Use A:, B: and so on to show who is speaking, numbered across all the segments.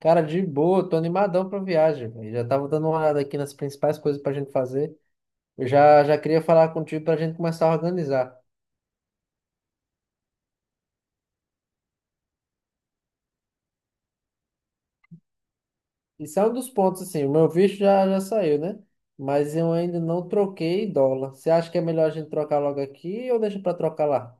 A: Cara, de boa, tô animadão pra viagem, velho. Já tava dando uma olhada aqui nas principais coisas pra gente fazer. Eu já, já queria falar contigo pra gente começar a organizar. Isso é um dos pontos, assim, o meu visto já saiu, né? Mas eu ainda não troquei dólar. Você acha que é melhor a gente trocar logo aqui ou deixa pra trocar lá?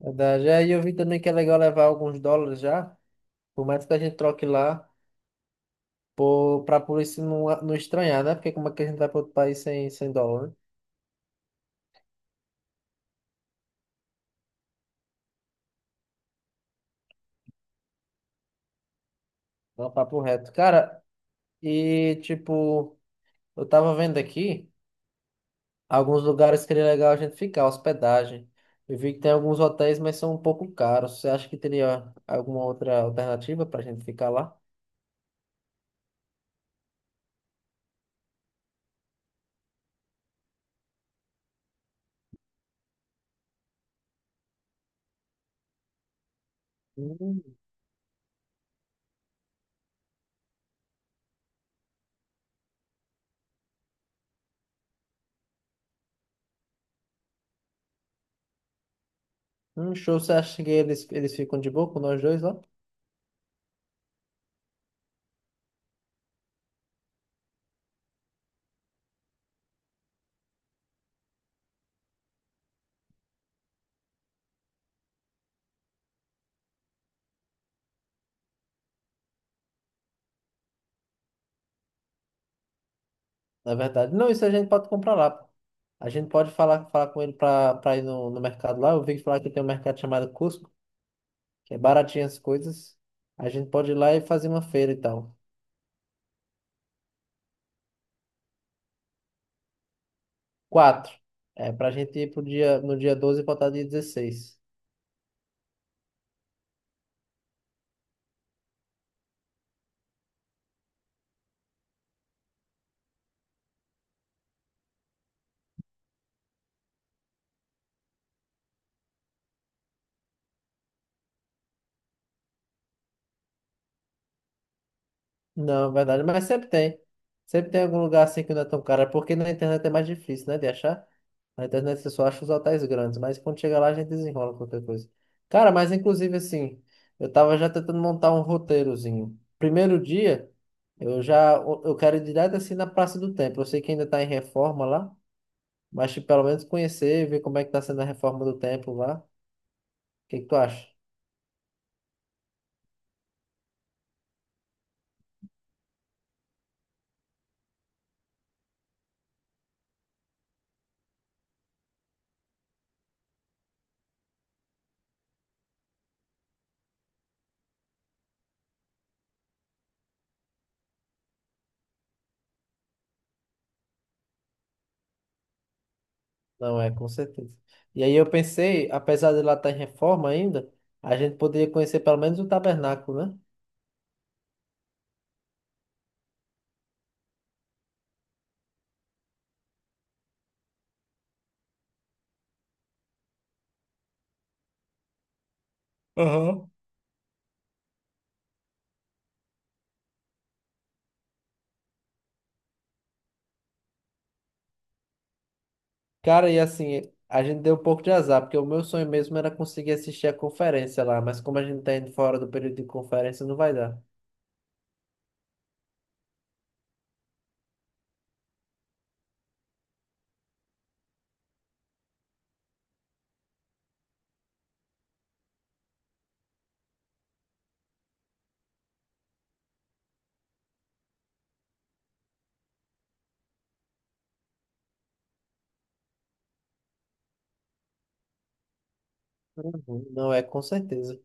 A: É verdade. Aí eu vi também que é legal levar alguns dólares já, por mais que a gente troque lá, ou pra polícia não, não estranhar, né? Porque como é que a gente vai pra outro país sem dólar, né? Não, papo reto. Cara, e tipo, eu tava vendo aqui. Alguns lugares que seria legal a gente ficar, hospedagem. Eu vi que tem alguns hotéis, mas são um pouco caros. Você acha que teria alguma outra alternativa para a gente ficar lá? Hum, show. Você acha que eles ficam de boa com nós dois lá? Na verdade, não, isso a gente pode comprar lá, pô. A gente pode falar com ele para ir no mercado lá. Eu vi falar que tem um mercado chamado Cusco, que é baratinho as coisas. A gente pode ir lá e fazer uma feira e tal. Quatro. É, para a gente ir pro dia, no dia 12 e voltar dia 16. Não, verdade, mas sempre tem. Sempre tem algum lugar assim que não é tão caro, é porque na internet é mais difícil, né, de achar. Na internet você só acha os hotéis grandes, mas quando chega lá a gente desenrola qualquer coisa. Cara, mas inclusive assim, eu tava já tentando montar um roteirozinho. Primeiro dia, eu já eu quero ir direto assim na Praça do Templo. Eu sei que ainda tá em reforma lá, mas tipo, pelo menos conhecer, ver como é que tá sendo a reforma do templo lá. O que que tu acha? Não é, com certeza. E aí eu pensei, apesar de lá estar em reforma ainda, a gente poderia conhecer pelo menos o tabernáculo, né? Aham. Cara, e assim, a gente deu um pouco de azar, porque o meu sonho mesmo era conseguir assistir a conferência lá, mas como a gente tá indo fora do período de conferência, não vai dar. Uhum. Não, é com certeza.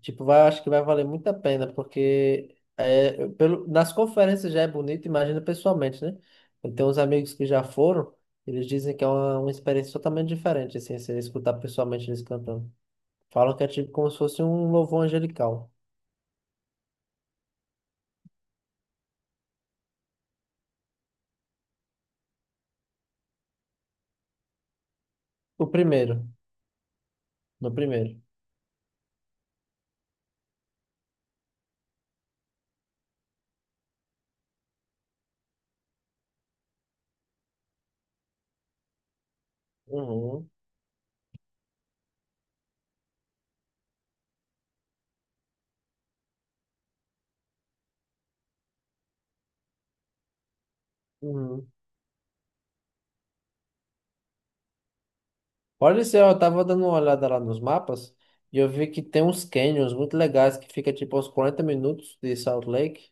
A: Tipo, vai, acho que vai valer muito a pena, porque é, nas conferências já é bonito, imagina pessoalmente, né? Eu tenho uns amigos que já foram, eles dizem que é uma experiência totalmente diferente, assim, você escutar pessoalmente eles cantando. Falam que é tipo como se fosse um louvor angelical. O primeiro, no primeiro. Uhum, uhum. Olha só, eu tava dando uma olhada lá nos mapas e eu vi que tem uns canyons muito legais que fica tipo aos 40 minutos de Salt Lake.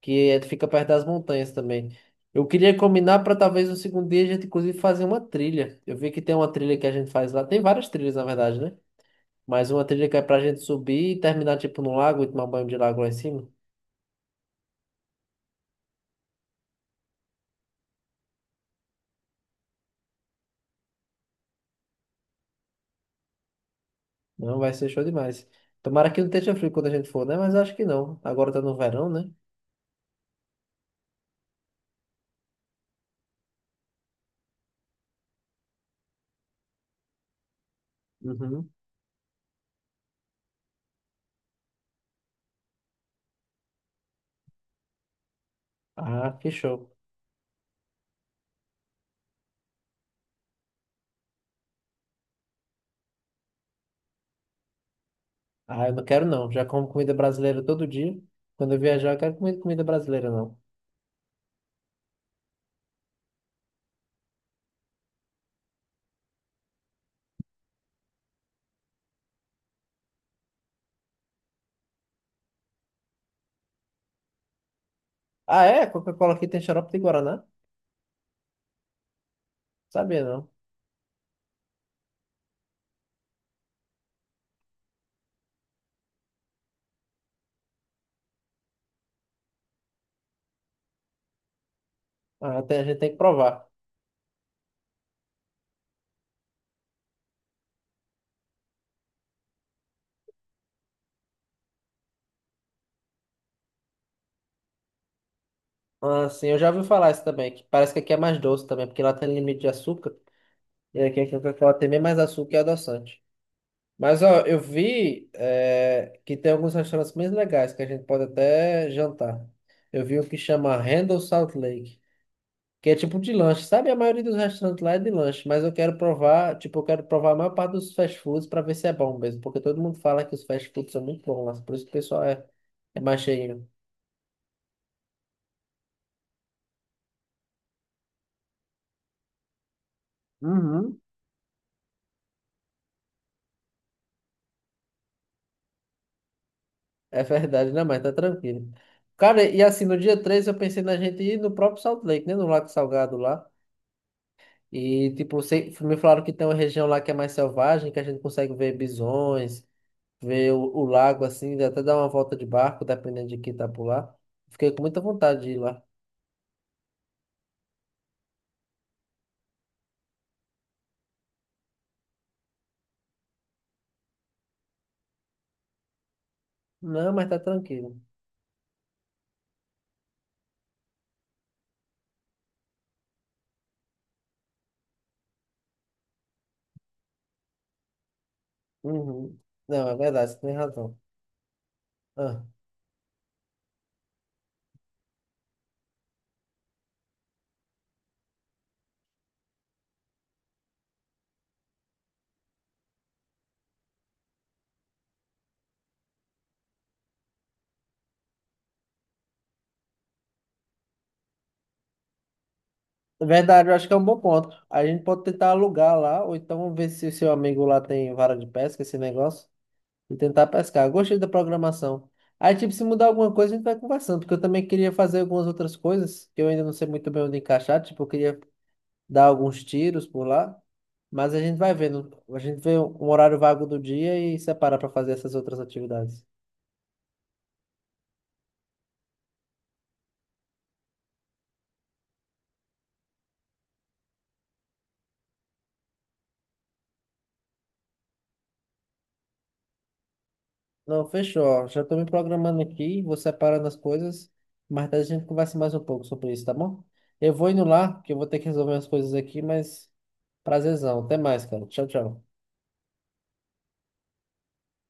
A: Fica perto das montanhas também. Eu queria combinar para talvez no segundo dia a gente inclusive fazer uma trilha. Eu vi que tem uma trilha que a gente faz lá, tem várias trilhas na verdade, né? Mas uma trilha que é pra gente subir e terminar tipo no lago e tomar banho de lago lá em cima. Não, vai ser show demais. Tomara que não esteja frio quando a gente for, né? Mas acho que não. Agora tá no verão, né? Uhum. Ah, que show. Ah, eu não quero não. Já como comida brasileira todo dia. Quando eu viajar, eu quero comer comida brasileira, não. Ah, é? Coca-Cola aqui tem xarope de Guaraná? Sabia não. Ah, tem- a gente tem que provar. Ah, sim, eu já ouvi falar isso também, que parece que aqui é mais doce também, porque lá tem limite de açúcar, e aqui ela tem bem mais açúcar e adoçante. Mas, ó, eu vi que tem alguns restaurantes bem legais, que a gente pode até jantar. Eu vi um que chama Randall Salt Lake, que é tipo de lanche, sabe? A maioria dos restaurantes lá é de lanche, mas eu quero provar, tipo, eu quero provar a maior parte dos fast foods para ver se é bom mesmo, porque todo mundo fala que os fast foods são muito bons lá, por isso que o pessoal é mais cheinho. Uhum. É verdade, não, mas tá tranquilo. Cara, e assim, no dia 3 eu pensei na gente ir no próprio Salt Lake, né? No Lago Salgado lá. E, tipo, me falaram que tem uma região lá que é mais selvagem, que a gente consegue ver bisões, ver o lago, assim, até dar uma volta de barco, dependendo de quem tá por lá. Fiquei com muita vontade de ir lá. Não, mas tá tranquilo. Uhum. Não, é verdade, você tem razão. Ah. É verdade, eu acho que é um bom ponto. A gente pode tentar alugar lá, ou então ver se o seu amigo lá tem vara de pesca, esse negócio. E tentar pescar. Gostei da programação. Aí, tipo, se mudar alguma coisa, a gente vai conversando, porque eu também queria fazer algumas outras coisas, que eu ainda não sei muito bem onde encaixar. Tipo, eu queria dar alguns tiros por lá, mas a gente vai vendo. A gente vê um horário vago do dia e separa para fazer essas outras atividades. Não, fechou, ó. Já tô me programando aqui, vou separando as coisas, mas daí a gente conversa mais um pouco sobre isso, tá bom? Eu vou indo lá, que eu vou ter que resolver as coisas aqui, mas prazerzão. Até mais, cara. Tchau, tchau.